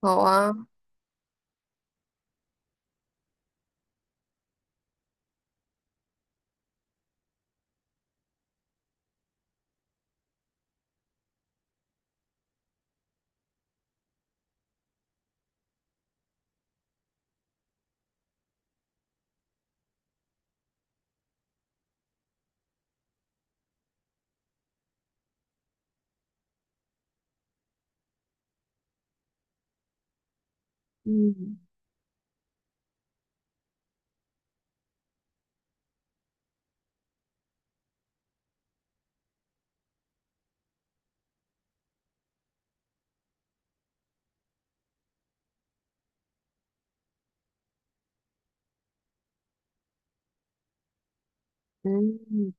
好啊。嗯嗯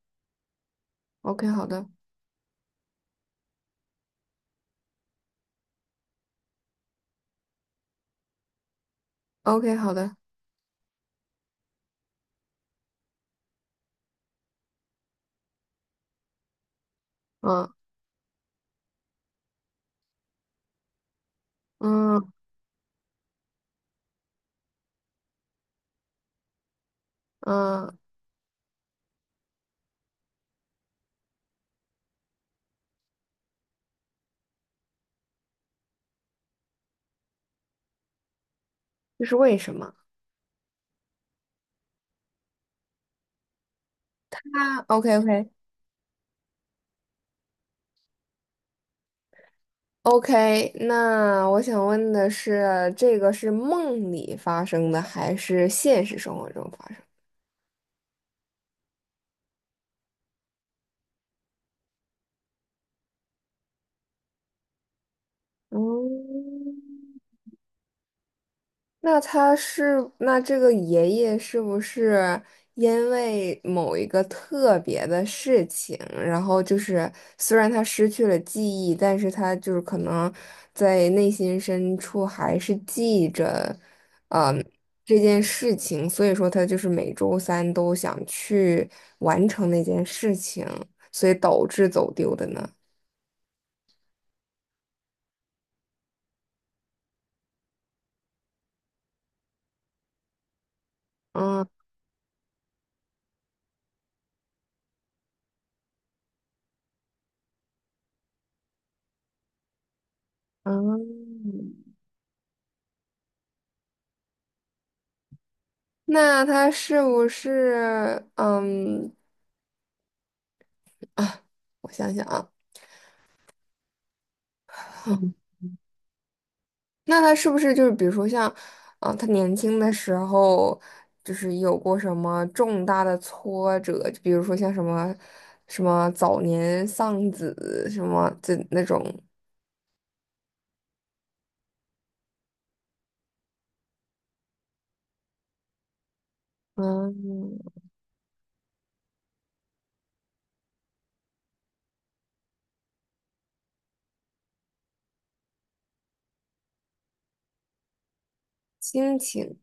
，OK，好的。OK，好的。嗯嗯嗯。这是为什么？那 OK OK OK。那我想问的是，这个是梦里发生的还是现实生活中发生的？嗯。那他是，那这个爷爷是不是因为某一个特别的事情，然后就是虽然他失去了记忆，但是他就是可能在内心深处还是记着，嗯，这件事情，所以说他就是每周三都想去完成那件事情，所以导致走丢的呢。嗯嗯。那他是不是嗯？啊，我想想啊。嗯。那他是不是就是比如说像，啊、他年轻的时候就是有过什么重大的挫折，就比如说像什么什么早年丧子什么的那种。嗯，心情。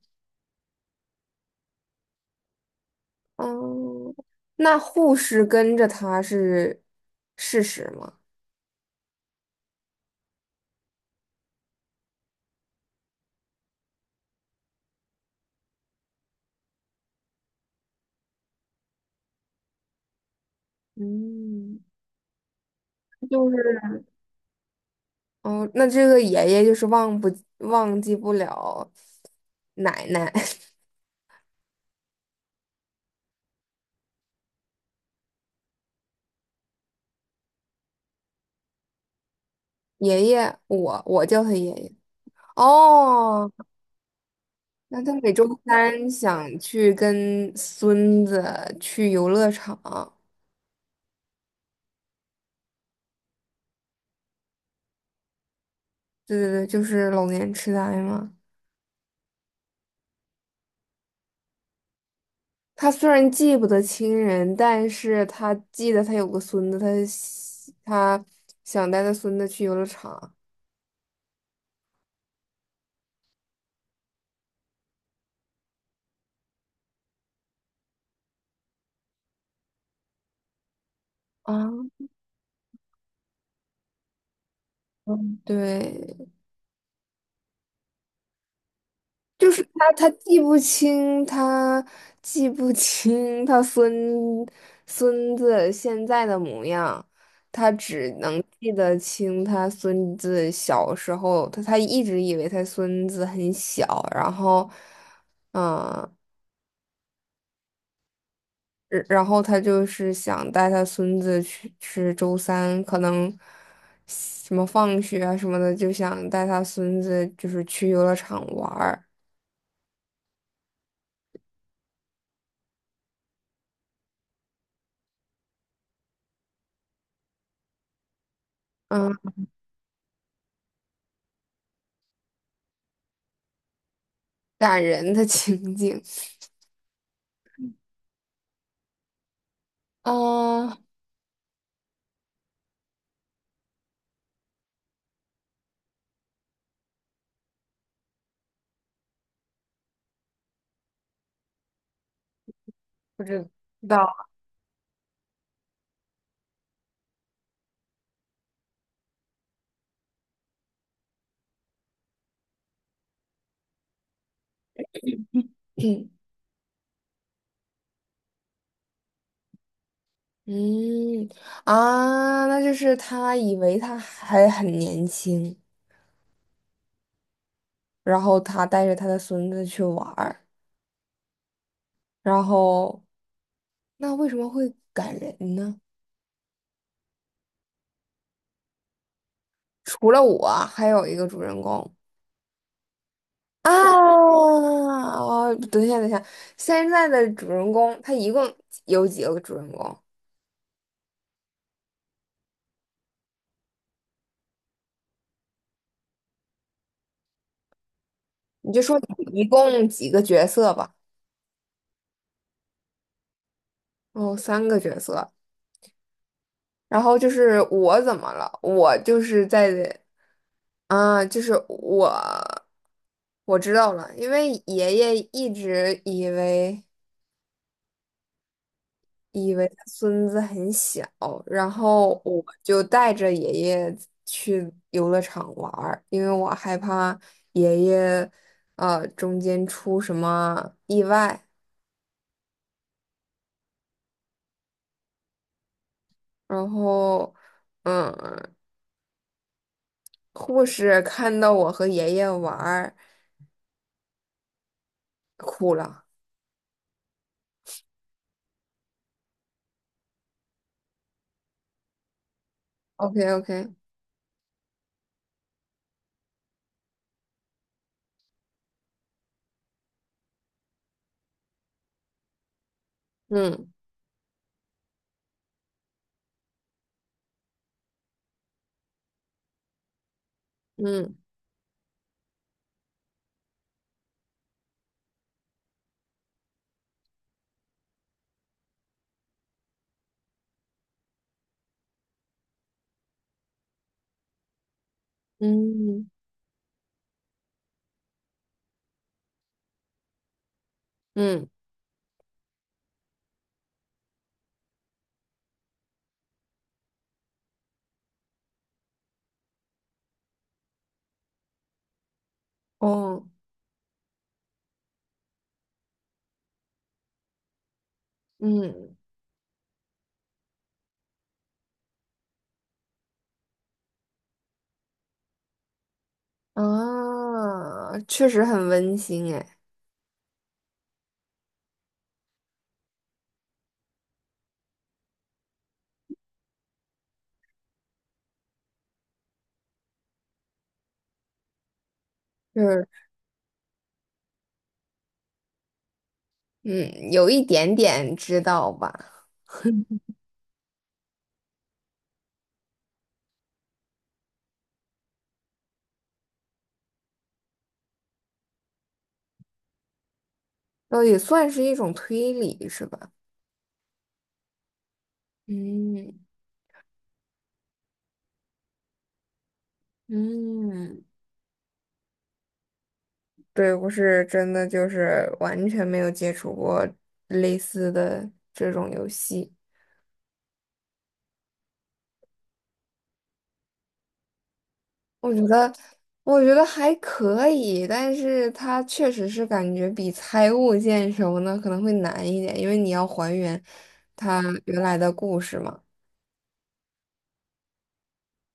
嗯，那护士跟着他是事实吗？嗯，就是，哦，那这个爷爷就是忘记不了奶奶。爷爷，我叫他爷爷。哦，那他每周三想去跟孙子去游乐场。对对对，就是老年痴呆嘛。他虽然记不得亲人，但是他记得他有个孙子，他想带他孙子去游乐场啊。对，就是他，他记不清他孙子现在的模样，他只能记得清他孙子小时候，他一直以为他孙子很小，嗯、然后他就是想带他孙子去吃周三，可能什么放学啊什么的，就想带他孙子就是去游乐场玩儿。嗯，感人的 情景。哦，知道。嗯啊，那就是他以为他还很年轻，然后他带着他的孙子去玩儿，然后那为什么会感人呢？除了我，还有一个主人公啊。哦，等一下，等一下。现在的主人公他一共有几个主人公？你就说一共几个角色吧。哦，三个角色。然后就是我怎么了？我就是在，啊，就是我。我知道了，因为爷爷一直以为他孙子很小，然后我就带着爷爷去游乐场玩儿，因为我害怕爷爷，中间出什么意外。然后，嗯，护士看到我和爷爷玩儿，哭了。o k o k。 嗯嗯嗯嗯。哦，嗯啊，确实很温馨哎。就是嗯，有一点点知道吧。倒也算是一种推理是吧？嗯嗯。对，我是真的就是完全没有接触过类似的这种游戏。我觉得，我觉得还可以，但是它确实是感觉比猜物件什么的可能会难一点，因为你要还原它原来的故事嘛。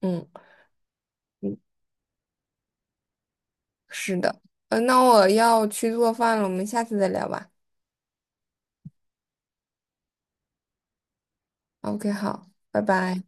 嗯嗯，是的。那我要去做饭了，我们下次再聊吧。OK，好，拜拜。